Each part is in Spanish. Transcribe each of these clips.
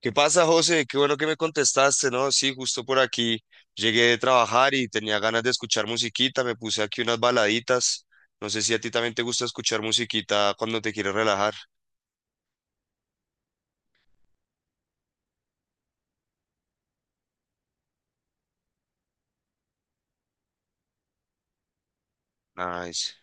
¿Qué pasa, José? Qué bueno que me contestaste, ¿no? Sí, justo por aquí llegué de trabajar y tenía ganas de escuchar musiquita, me puse aquí unas baladitas. No sé si a ti también te gusta escuchar musiquita cuando te quieres relajar. Nice.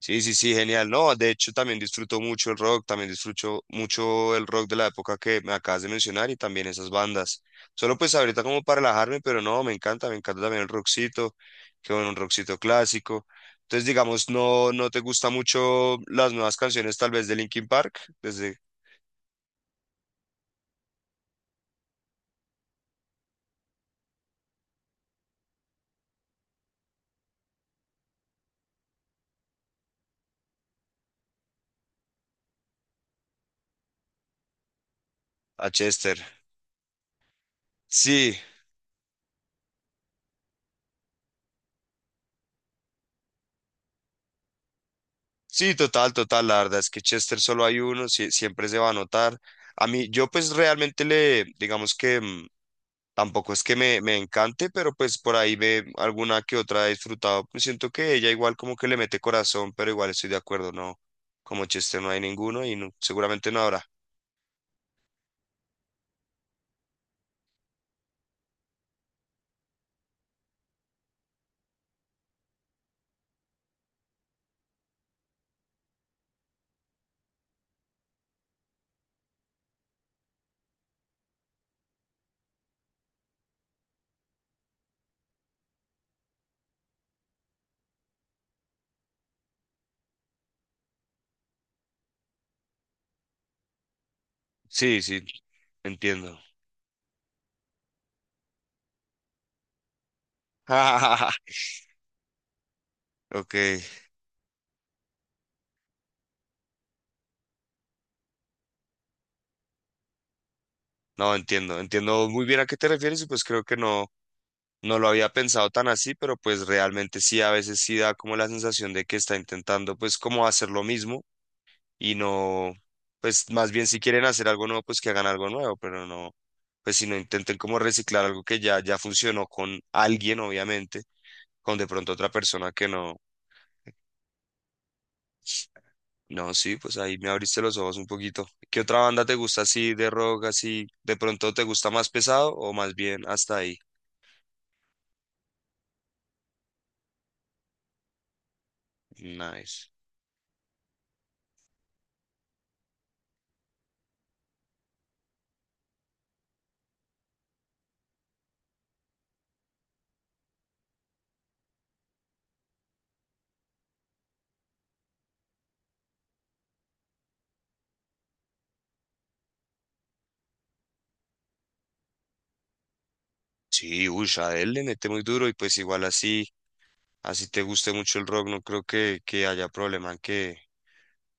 Sí, sí, sí, genial. No, de hecho también disfruto mucho el rock, también disfruto mucho el rock de la época que me acabas de mencionar y también esas bandas. Solo pues ahorita como para relajarme, pero no, me encanta también el rockcito, que bueno, un rockcito clásico. Entonces, digamos, no te gusta mucho las nuevas canciones tal vez de Linkin Park, desde a Chester. Sí, sí, total, total, la verdad es que Chester solo hay uno, siempre se va a notar. A mí, yo pues realmente le, digamos que... tampoco es que me encante, pero pues por ahí ve alguna que otra he disfrutado. Pues siento que ella igual como que le mete corazón, pero igual estoy de acuerdo, no. Como chiste no hay ninguno y no, seguramente no habrá. Sí, sí, entiendo. Ok, no entiendo, entiendo muy bien a qué te refieres y pues creo que no, no lo había pensado tan así, pero pues realmente sí, a veces sí da como la sensación de que está intentando pues como hacer lo mismo y no, pues más bien si quieren hacer algo nuevo, pues que hagan algo nuevo, pero no, pues si no intenten como reciclar algo que ya, ya funcionó con alguien, obviamente, con de pronto otra persona que no, no, sí, pues ahí me abriste los ojos un poquito. ¿Qué otra banda te gusta así de rock, así, de pronto te gusta más pesado o más bien hasta ahí? Nice. Sí, uy, Adele le mete muy duro y pues igual así, así te guste mucho el rock, no creo que haya problema en que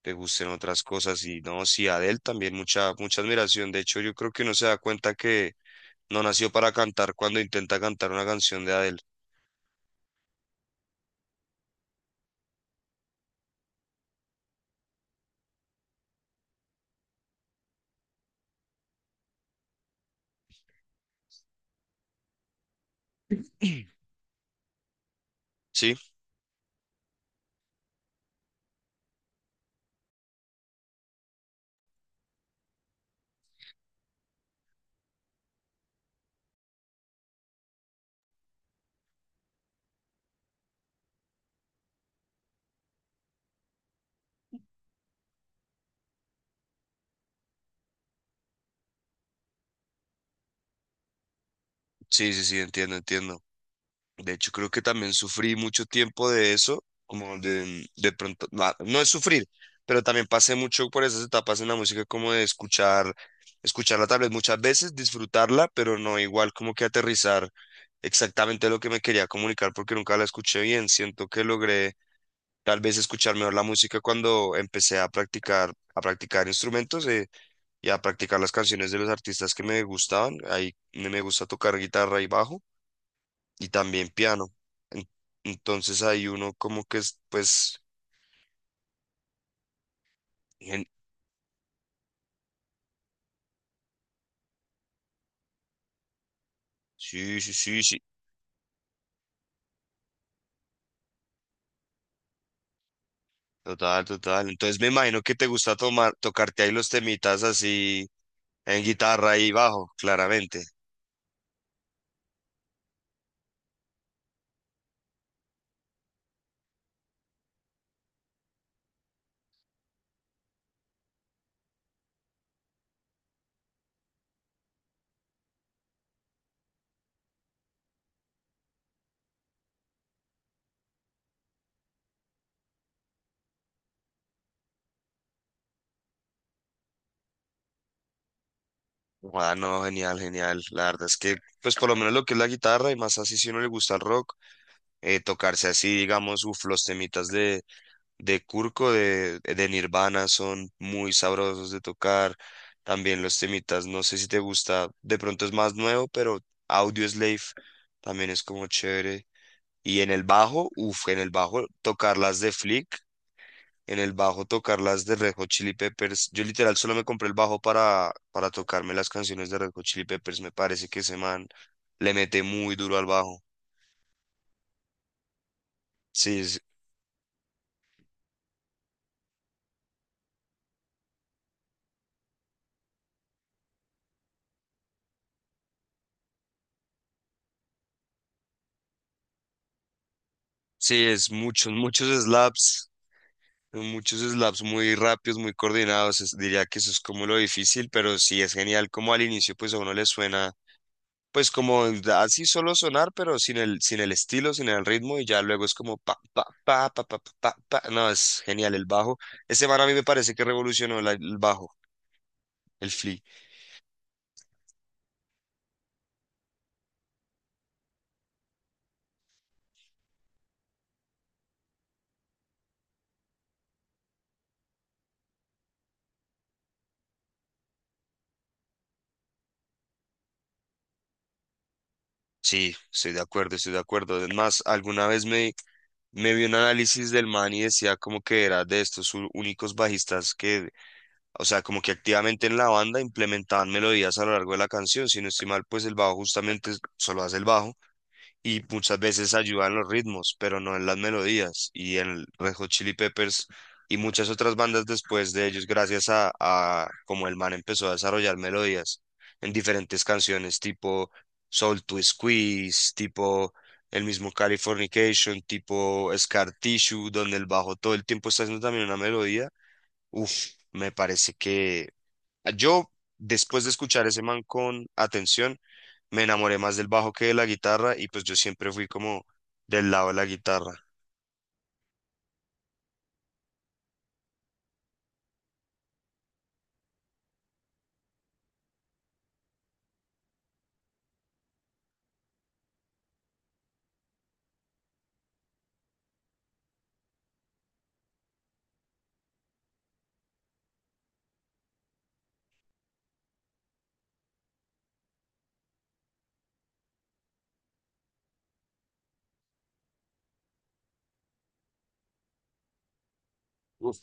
te gusten otras cosas. Y no, sí, Adele también mucha, mucha admiración. De hecho, yo creo que uno se da cuenta que no nació para cantar cuando intenta cantar una canción de Adele. Sí, sí, sí, sí, entiendo, entiendo. De hecho, creo que también sufrí mucho tiempo de eso, como de pronto, no, no es sufrir, pero también pasé mucho por esas etapas en la música, como de escucharla tal vez muchas veces, disfrutarla, pero no igual como que aterrizar exactamente lo que me quería comunicar porque nunca la escuché bien. Siento que logré tal vez escuchar mejor la música cuando empecé a practicar instrumentos y a practicar las canciones de los artistas que me gustaban. Ahí me gusta tocar guitarra y bajo y también piano. En- Entonces ahí uno como que es, pues, gen- sí, sí, sí, sí, total, total. Entonces me imagino que te gusta tocarte ahí los temitas así en guitarra y bajo, claramente. Ah, no, genial, genial. La verdad es que, pues por lo menos lo que es la guitarra y más así si uno le gusta el rock. Tocarse así, digamos, uf, los temitas de Kurko, de Nirvana, son muy sabrosos de tocar. También los temitas, no sé si te gusta, de pronto es más nuevo, pero Audioslave también es como chévere. Y en el bajo, uff, en el bajo tocar las de Flick, en el bajo tocar las de Red Hot Chili Peppers. Yo literal solo me compré el bajo para tocarme las canciones de Red Hot Chili Peppers. Me parece que ese man le mete muy duro al bajo. Sí, sí, es muchos, muchos slaps muy rápidos, muy coordinados. Diría que eso es como lo difícil, pero sí es genial como al inicio pues a uno le suena pues como así solo sonar, pero sin el estilo, sin el ritmo y ya luego es como pa, pa, pa, pa, pa, pa, pa, pa. No, es genial el bajo. Ese man a mí me parece que revolucionó el bajo, el flea. Sí, estoy de acuerdo, estoy de acuerdo. Además, alguna vez me... Me vi un análisis del man y decía como que era de estos únicos bajistas que... O sea, como que activamente en la banda implementaban melodías a lo largo de la canción. Si no estoy mal, pues el bajo justamente solo hace el bajo y muchas veces ayuda en los ritmos, pero no en las melodías. Y en el Red Hot Chili Peppers y muchas otras bandas después de ellos, gracias a como el man empezó a desarrollar melodías en diferentes canciones, tipo Soul to Squeeze, tipo el mismo Californication, tipo Scar Tissue, donde el bajo todo el tiempo está haciendo también una melodía. Uf, me parece que yo, después de escuchar ese man con atención, me enamoré más del bajo que de la guitarra y pues yo siempre fui como del lado de la guitarra. Uf.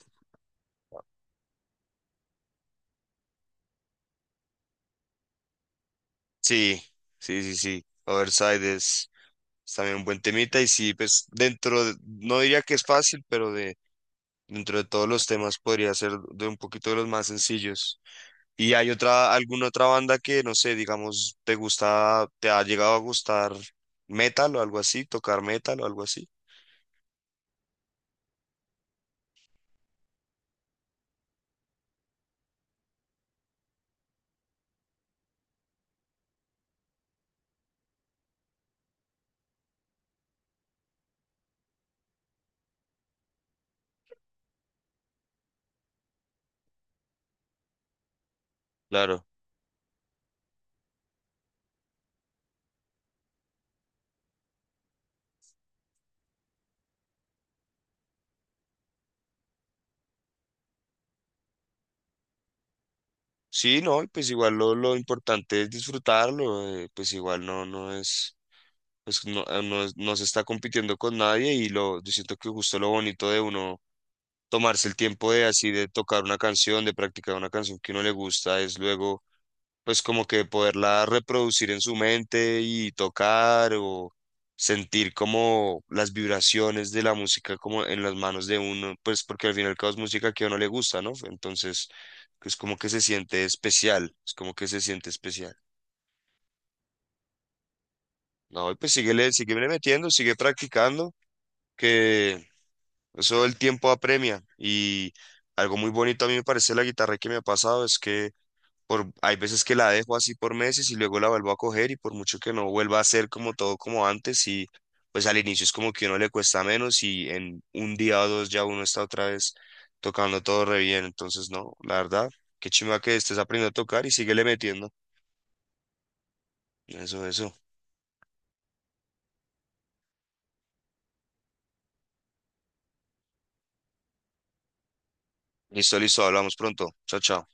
Sí, sí, sí, sí. Overside es también un buen temita y sí, pues no diría que es fácil, pero de dentro de todos los temas podría ser de un poquito de los más sencillos. ¿Y hay otra, alguna otra banda que, no sé, digamos, te gusta, te ha llegado a gustar metal o algo así, tocar metal o algo así? Sí, no, y pues igual lo importante es disfrutarlo, pues igual no, no es, pues no, no se está compitiendo con nadie y lo, yo siento que justo lo bonito de uno tomarse el tiempo de así, de tocar una canción, de practicar una canción que uno le gusta, es luego pues como que poderla reproducir en su mente y tocar o sentir como las vibraciones de la música como en las manos de uno, pues porque al fin y al cabo es música que a uno le gusta, ¿no? Entonces, es como que se siente especial, es como que se siente especial. No, y pues síguele, síguele metiendo, sigue practicando, que eso el tiempo apremia y algo muy bonito a mí me parece la guitarra que me ha pasado es que por, hay veces que la dejo así por meses y luego la vuelvo a coger y por mucho que no vuelva a ser como todo como antes y pues al inicio es como que uno le cuesta menos y en un día o dos ya uno está otra vez tocando todo re bien, entonces no, la verdad, qué chimba que estés aprendiendo a tocar y síguele metiendo. Eso, eso. Listo, listo, hablamos pronto. Chao, chao.